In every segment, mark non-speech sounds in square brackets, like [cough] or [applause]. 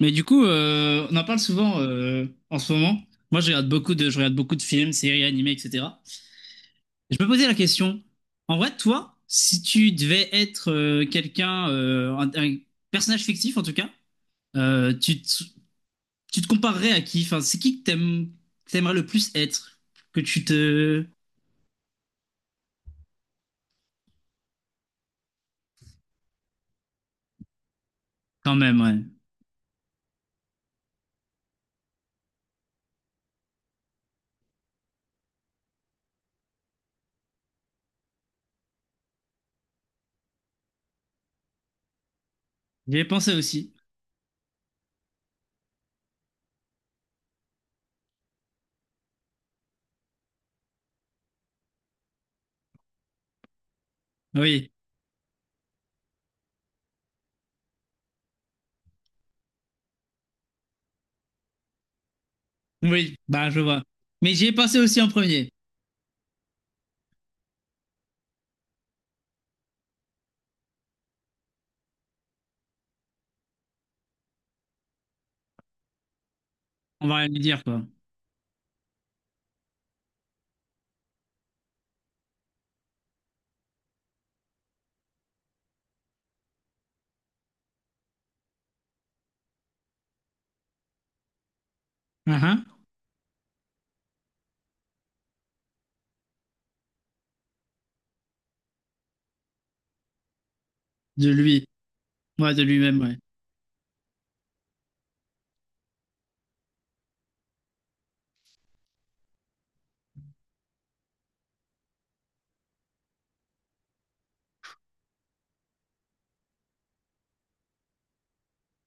On en parle souvent en ce moment. Moi, je regarde beaucoup de films, séries, animés, etc. Et je me posais la question, en vrai, toi, si tu devais être quelqu'un, un personnage fictif en tout cas, euh, tu te, tu te comparerais à qui? Enfin, c'est qui que t'aimes, que t'aimerais le plus être? Que tu te... Quand même, ouais. J'y ai pensé aussi. Oui, oui, bah je vois. Mais j'y ai pensé aussi en premier. On va rien lui dire, quoi. Ah, ah. De lui. Ouais, de lui-même, ouais.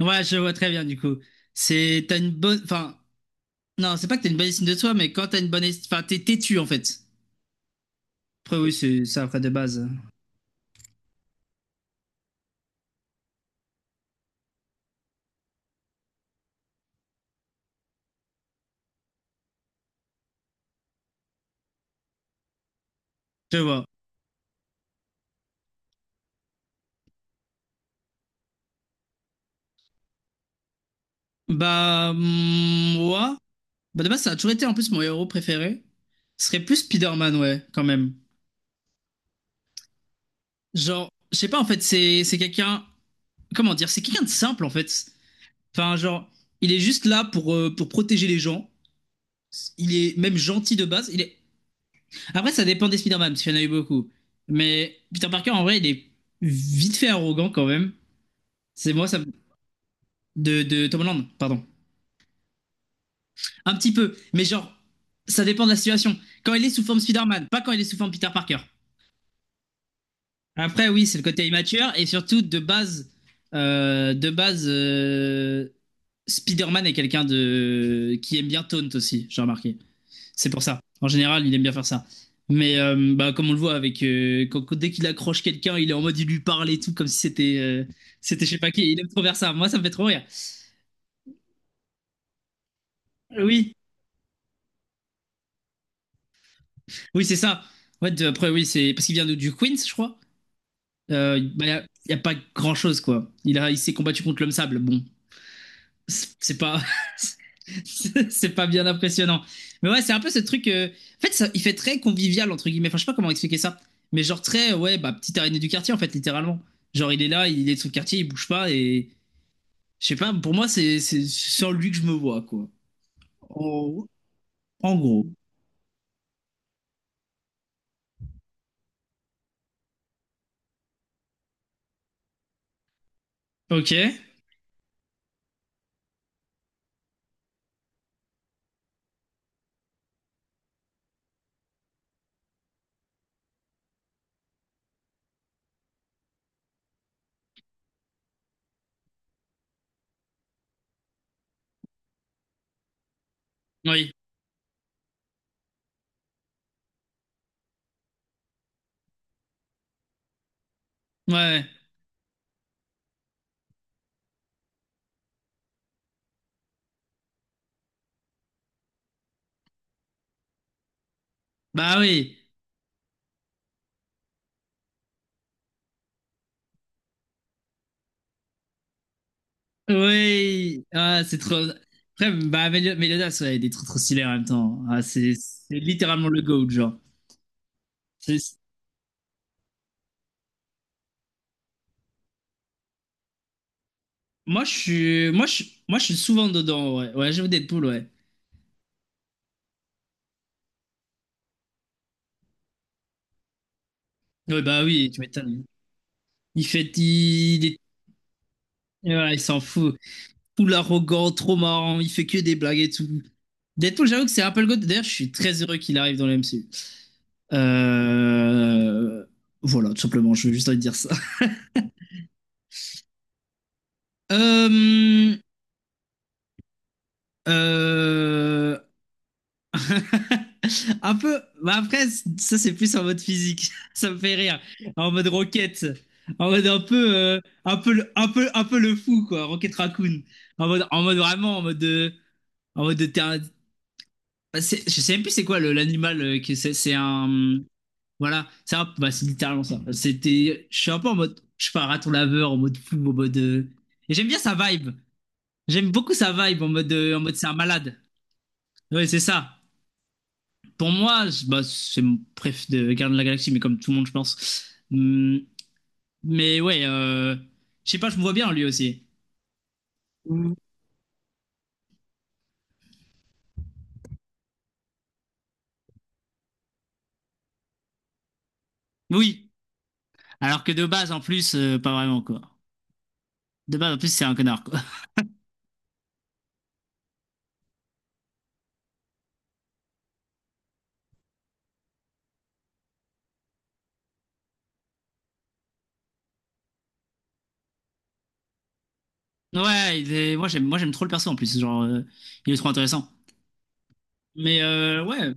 Ouais, je vois très bien du coup. C'est t'as une bonne, enfin non, c'est pas que t'as une bonne estime de toi, mais quand t'as une bonne estime, enfin t'es têtu en fait. Après oui, c'est ça après de base. Je vois. Bah mm, moi, bah de base ça a toujours été en plus mon héros préféré. Ce serait plus Spider-Man ouais, quand même. Genre, je sais pas en fait, c'est quelqu'un, comment dire, c'est quelqu'un de simple en fait. Enfin genre, il est juste là pour protéger les gens. Il est même gentil de base. Il est. Après, ça dépend des Spider-Man, parce qu'il y en a eu beaucoup. Mais Peter Parker, en vrai, il est vite fait arrogant quand même. C'est moi, ça. De Tom Holland, pardon. Un petit peu. Mais genre, ça dépend de la situation. Quand il est sous forme Spider-Man, pas quand il est sous forme Peter Parker. Après, oui, c'est le côté immature. Et surtout, de base, euh, de base euh, Spider-Man est quelqu'un de... qui aime bien Taunt aussi, j'ai remarqué. C'est pour ça. En général, il aime bien faire ça. Mais bah, comme on le voit, avec, dès qu'il accroche quelqu'un, il est en mode, il lui parle et tout, comme si c'était, c'était je sais pas qui. Il aime trop faire ça. Moi, ça me fait trop rire. Oui, oui, c'est ça. En fait, après, oui, c'est parce qu'il vient du Queens, je crois. Bah, y a pas grand-chose, quoi. Il s'est combattu contre l'homme sable. Bon, c'est pas [laughs] c'est pas bien impressionnant. Mais ouais, c'est un peu ce truc. En fait, ça, il fait très convivial entre guillemets. Enfin, je sais pas comment expliquer ça. Mais genre très ouais, bah petite araignée du quartier en fait, littéralement. Genre il est là, il est de son quartier, il bouge pas et je sais pas. Pour moi, c'est sur lui que je me vois quoi. En, en gros. Ok. Oui. Ouais. Bah oui. Oui. Ah, c'est trop. Après, bah Meliodas, ouais, il est trop trop stylé en même temps. Ah, c'est littéralement le goat genre. Moi, je suis souvent dedans, ouais. Ouais, j'aime Deadpool, ouais. Ouais, bah oui, tu m'étonnes. Il fait, il, est- voilà, il s'en fout. Tout l'arrogant, trop marrant, il fait que des blagues et tout. Deadpool, j'avoue que c'est Apple God. D'ailleurs, je suis très heureux qu'il arrive dans le MCU. Euh, Voilà, tout simplement, je veux juste te dire ça. [laughs] Euh, euh, Un peu. Bah après, ça c'est plus en mode physique. [laughs] Ça me fait rire. En mode roquette. En mode un peu, un peu le fou quoi. Rocket Raccoon. En mode vraiment, en mode de terrain- bah, je sais même plus c'est quoi l'animal que c'est. C'est un. Voilà. Bah, c'est littéralement ça. C'était. Je suis un peu en mode. Je suis pas un raton laveur en mode fou, en mode. Et j'aime bien sa vibe. J'aime beaucoup sa vibe en mode c'est un malade. Ouais, c'est ça. Pour moi, bah, c'est mon préf de Gardiens de la Galaxie, mais comme tout le monde, je pense. Mais ouais, je sais pas, je me vois bien lui aussi. Oui. Alors que de base, en plus, pas vraiment quoi. De base, en plus, c'est un connard quoi. [laughs] Ouais, moi j'aime trop le perso en plus, genre, il est trop intéressant. Mais ouais,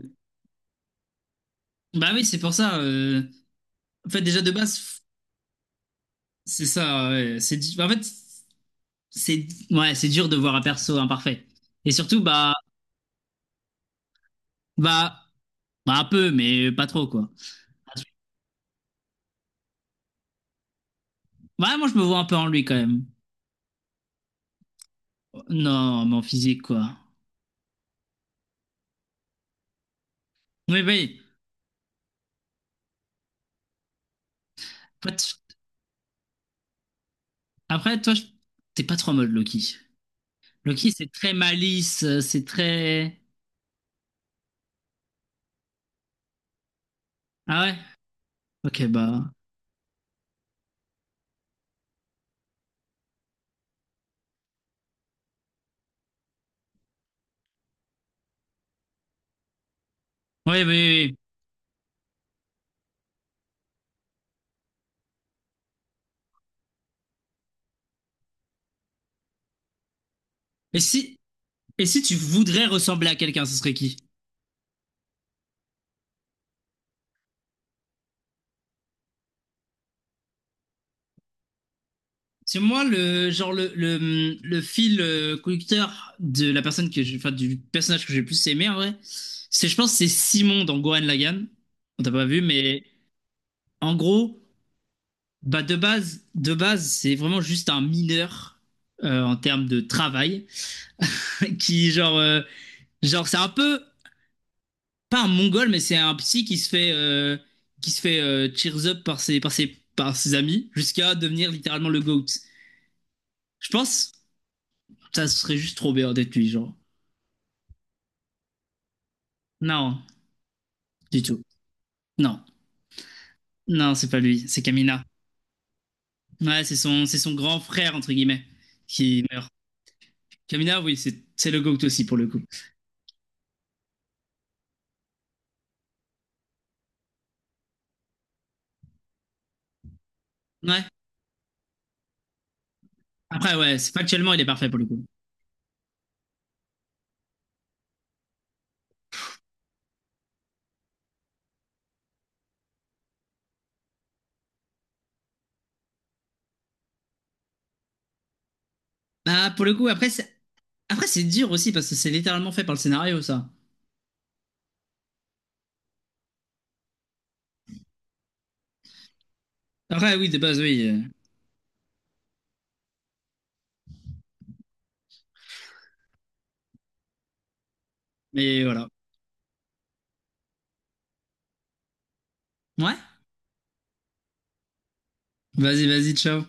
bah oui, c'est pour ça. En fait, déjà de base, c'est ça. Ouais, en fait, ouais, c'est dur de voir un perso imparfait. Et surtout, bah, bah, bah un peu, mais pas trop quoi. Ouais, moi, je me vois un peu en lui quand même. Non, mais en physique, quoi. Oui, oui. Toi, tu- Après, toi, je- t'es pas trop en mode Loki. Loki, c'est très malice, c'est très. Ah ouais? Ok, bah. Ouais, oui, oui, oui. Et si, et si tu voudrais ressembler à quelqu'un, ce serait qui? C'est moi le genre le fil conducteur de la personne que j'ai, enfin, du personnage que j'ai le plus aimé en vrai. C'est, je pense, que c'est Simon dans Gohan Lagann. On t'a pas vu, mais en gros. Bah de base, c'est vraiment juste un mineur en termes de travail [laughs] qui genre genre c'est un peu pas un mongol mais c'est un psy qui se fait cheers up par ses amis jusqu'à devenir littéralement le goat. Je pense ça serait juste trop bien d'être lui genre. Non, du tout. Non. Non, c'est pas lui, c'est Kamina. Ouais, c'est son grand frère entre guillemets qui meurt. Kamina, oui, c'est le goat aussi pour le coup. Ouais. Après ouais, factuellement il est parfait pour le coup. Bah, pour le coup, c'est dur aussi parce que c'est littéralement fait par le scénario, ça. Après, oui, de base, oui. Mais voilà. Ouais. Vas-y, ciao.